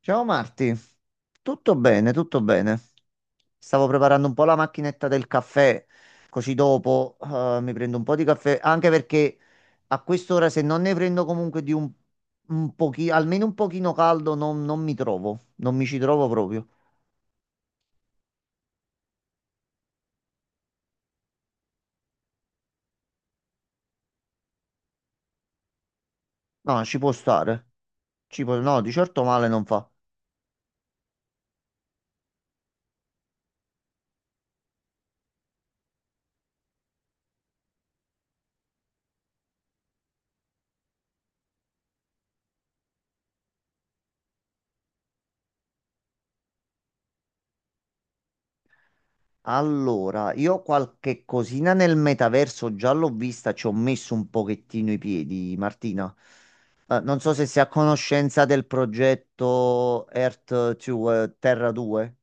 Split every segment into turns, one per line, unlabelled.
Ciao Marti, tutto bene, tutto bene. Stavo preparando un po' la macchinetta del caffè, così dopo mi prendo un po' di caffè, anche perché a quest'ora se non ne prendo comunque di un pochino, almeno un pochino caldo, non mi trovo, non mi ci trovo proprio. No, ci può stare, no, di certo male non fa. Allora, io qualche cosina nel metaverso già l'ho vista, ci ho messo un pochettino i piedi, Martina. Non so se sei a conoscenza del progetto Earth 2, Terra 2.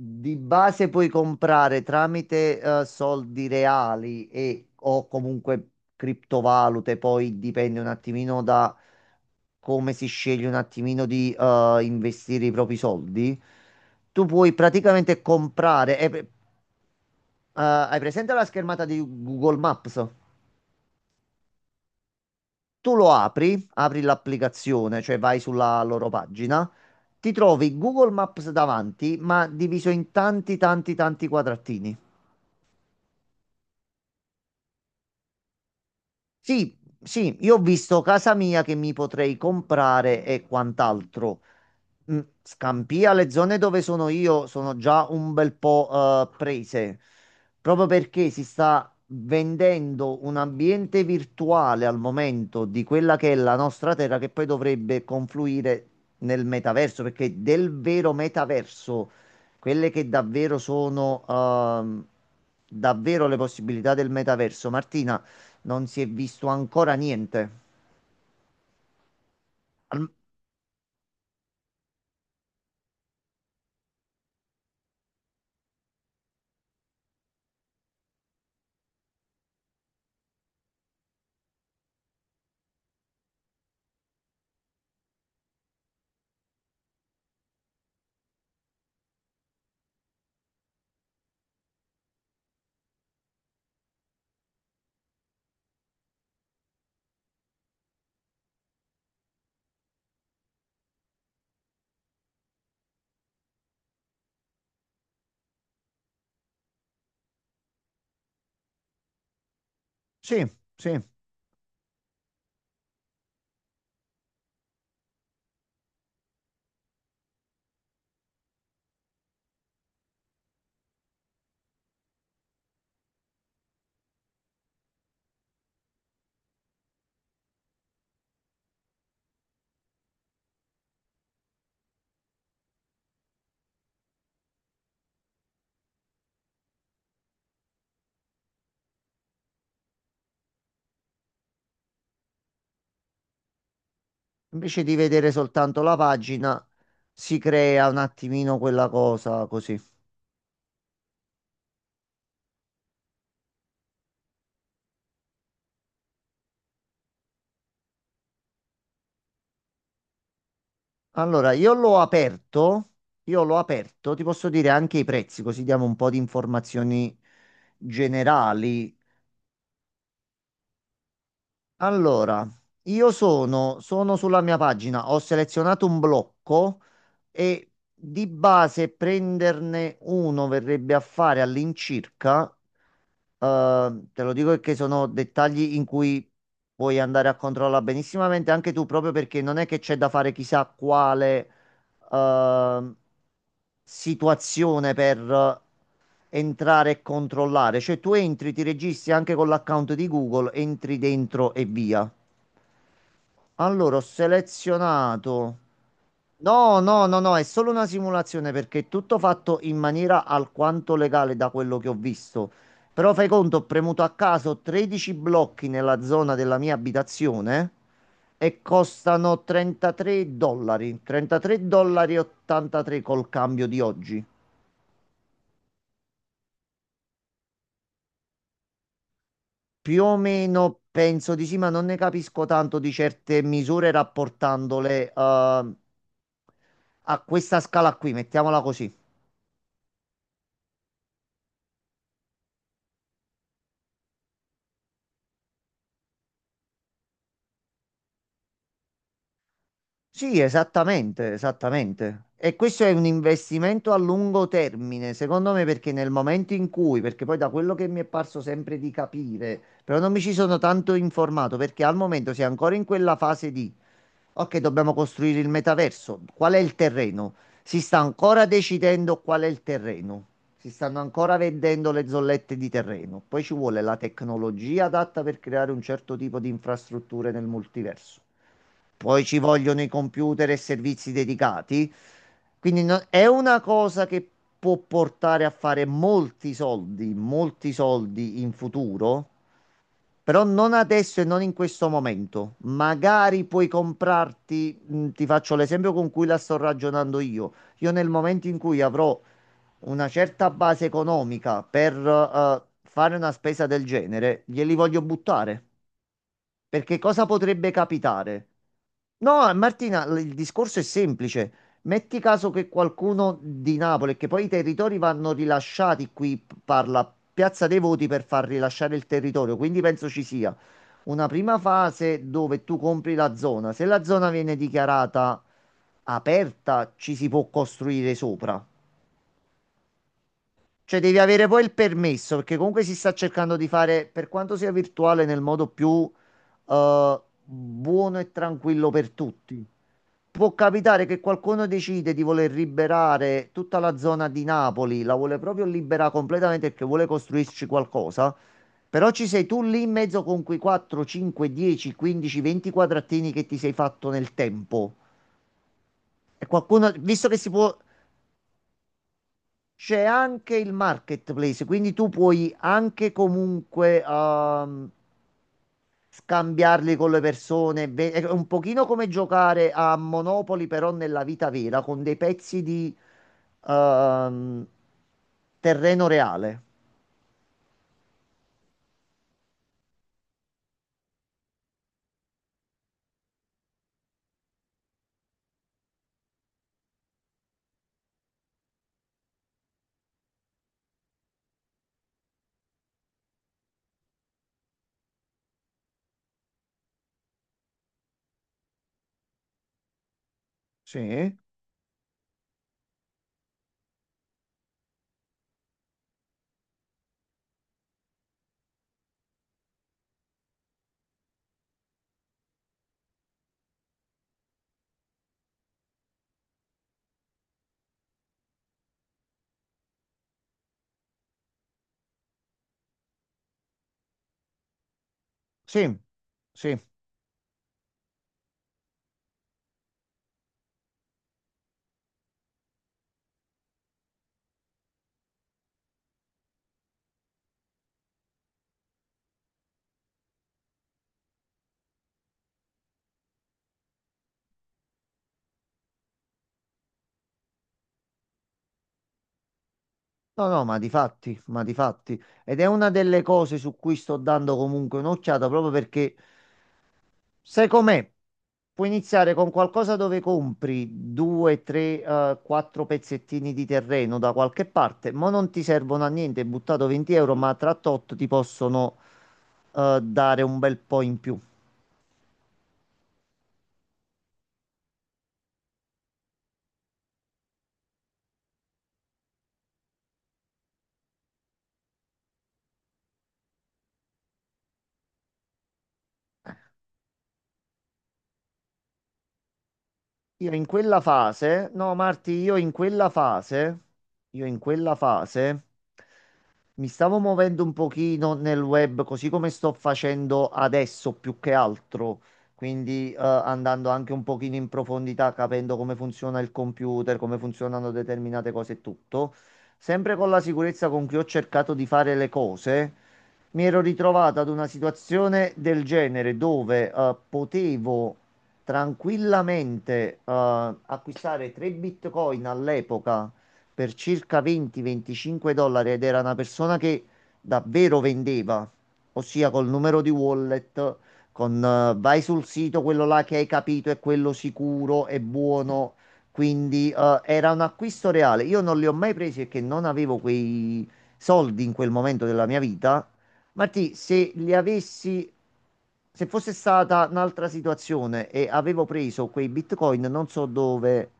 Di base puoi comprare tramite soldi reali e o comunque criptovalute, poi dipende un attimino da come si sceglie un attimino di investire i propri soldi. Tu puoi praticamente comprare, è. Hai presente la schermata di Google Maps? Tu lo apri, apri l'applicazione, cioè vai sulla loro pagina, ti trovi Google Maps davanti, ma diviso in tanti, tanti, tanti quadratini. Sì, sì, io ho visto casa mia che mi potrei comprare e quant'altro. Mm, Scampia, le zone dove sono io sono già un bel po' prese, proprio perché si sta vendendo un ambiente virtuale al momento di quella che è la nostra terra, che poi dovrebbe confluire nel metaverso, perché del vero metaverso, quelle che davvero sono davvero le possibilità del metaverso, Martina, non si è visto ancora niente. Al- sì, sì. Invece di vedere soltanto la pagina, si crea un attimino quella cosa così. Allora, io l'ho aperto, ti posso dire anche i prezzi, così diamo un po' di informazioni generali. Allora, io sono sulla mia pagina, ho selezionato un blocco e di base prenderne uno verrebbe a fare all'incirca, te lo dico perché sono dettagli in cui puoi andare a controllare benissimamente anche tu, proprio perché non è che c'è da fare chissà quale eh, situazione per entrare e controllare. Cioè tu entri, ti registri anche con l'account di Google, entri dentro e via. Allora, ho selezionato. No, no, no, no, è solo una simulazione perché è tutto fatto in maniera alquanto legale da quello che ho visto. Però fai conto, ho premuto a caso 13 blocchi nella zona della mia abitazione e costano 33 dollari e 83 col cambio di oggi. Più o meno penso di sì, ma non ne capisco tanto di certe misure rapportandole a questa scala qui, mettiamola così. Sì, esattamente, esattamente. E questo è un investimento a lungo termine, secondo me, perché nel momento in cui, perché poi da quello che mi è parso sempre di capire, però non mi ci sono tanto informato, perché al momento si è ancora in quella fase di, ok, dobbiamo costruire il metaverso, qual è il terreno? Si sta ancora decidendo qual è il terreno. Si stanno ancora vendendo le zollette di terreno. Poi ci vuole la tecnologia adatta per creare un certo tipo di infrastrutture nel multiverso. Poi ci vogliono i computer e servizi dedicati. Quindi è una cosa che può portare a fare molti soldi in futuro, però non adesso e non in questo momento. Magari puoi comprarti, ti faccio l'esempio con cui la sto ragionando io. Io nel momento in cui avrò una certa base economica per fare una spesa del genere, glieli voglio buttare. Perché cosa potrebbe capitare? No, Martina, il discorso è semplice. Metti caso che qualcuno di Napoli, che poi i territori vanno rilasciati, qui parla Piazza dei Voti per far rilasciare il territorio, quindi penso ci sia una prima fase dove tu compri la zona. Se la zona viene dichiarata aperta, ci si può costruire sopra. Cioè, devi avere poi il permesso, perché comunque si sta cercando di fare, per quanto sia virtuale, nel modo più buono e tranquillo per tutti. Può capitare che qualcuno decide di voler liberare tutta la zona di Napoli, la vuole proprio liberare completamente perché vuole costruirci qualcosa, però ci sei tu lì in mezzo con quei 4, 5, 10, 15, 20 quadratini che ti sei fatto nel tempo. E qualcuno, visto che si può. C'è anche il marketplace, quindi tu puoi anche comunque scambiarli con le persone. È un pochino come giocare a Monopoli, però nella vita vera, con dei pezzi di ehm, terreno reale. Sì, sì, sì. No, no, ma di fatti, ma di fatti. Ed è una delle cose su cui sto dando comunque un'occhiata proprio perché. Secondo me puoi iniziare con qualcosa dove compri due, tre, quattro pezzettini di terreno da qualche parte, ma non ti servono a niente, hai buttato 20 euro, ma tra tot ti possono dare un bel po' in più. Io in quella fase, No, Marti, io in quella fase mi stavo muovendo un pochino nel web, così come sto facendo adesso più che altro, quindi andando anche un pochino in profondità, capendo come funziona il computer, come funzionano determinate cose e tutto. Sempre con la sicurezza con cui ho cercato di fare le cose, mi ero ritrovato ad una situazione del genere dove potevo tranquillamente acquistare 3 Bitcoin all'epoca per circa 20-25 dollari ed era una persona che davvero vendeva, ossia col numero di wallet, con vai sul sito, quello là che hai capito è quello sicuro, è buono. Quindi era un acquisto reale. Io non li ho mai presi perché non avevo quei soldi in quel momento della mia vita, Martì, se li avessi, se fosse stata un'altra situazione e avevo preso quei bitcoin, non so dove,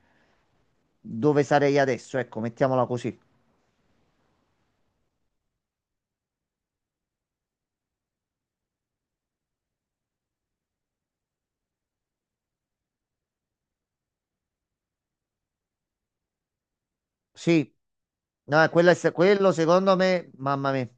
dove sarei adesso. Ecco, mettiamola così. Sì, no, quello, quello secondo me, mamma mia.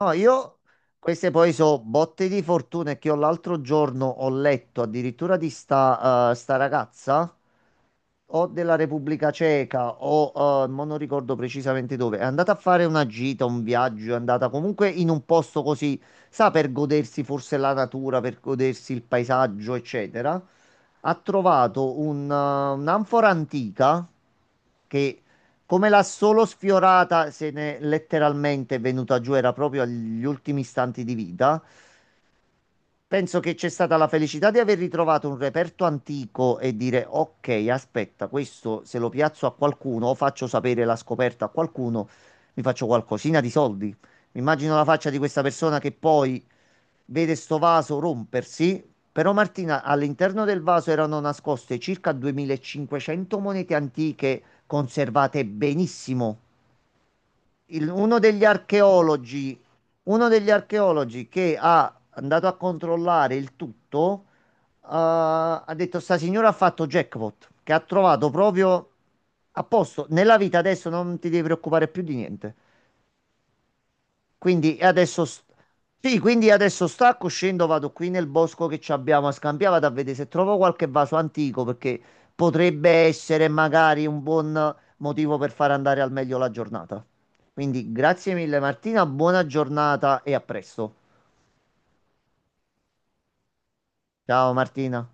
No, io queste poi so botte di fortuna, che io l'altro giorno ho letto addirittura di sta ragazza o della Repubblica Ceca o mo non ricordo precisamente dove. È andata a fare una gita, un viaggio, è andata comunque in un posto così, sa, per godersi forse la natura, per godersi il paesaggio, eccetera. Ha trovato un'anfora antica che, come l'ha solo sfiorata, se ne è letteralmente venuta giù, era proprio agli ultimi istanti di vita. Penso che c'è stata la felicità di aver ritrovato un reperto antico e dire: "Ok, aspetta, questo se lo piazzo a qualcuno o faccio sapere la scoperta a qualcuno, mi faccio qualcosina di soldi". Mi immagino la faccia di questa persona che poi vede sto vaso rompersi. Però, Martina, all'interno del vaso erano nascoste circa 2500 monete antiche conservate benissimo. il- uno degli archeologi, Uno degli archeologi che ha andato a controllare il tutto, ha detto: "Sta signora ha fatto jackpot, che ha trovato proprio a posto. Nella vita adesso non ti devi preoccupare più di niente". Quindi adesso, sì, quindi adesso stacco, scendo, vado qui nel bosco che ci abbiamo a Scampia, vado a vedere se trovo qualche vaso antico perché potrebbe essere magari un buon motivo per far andare al meglio la giornata. Quindi grazie mille Martina, buona giornata e a presto. Ciao Martina.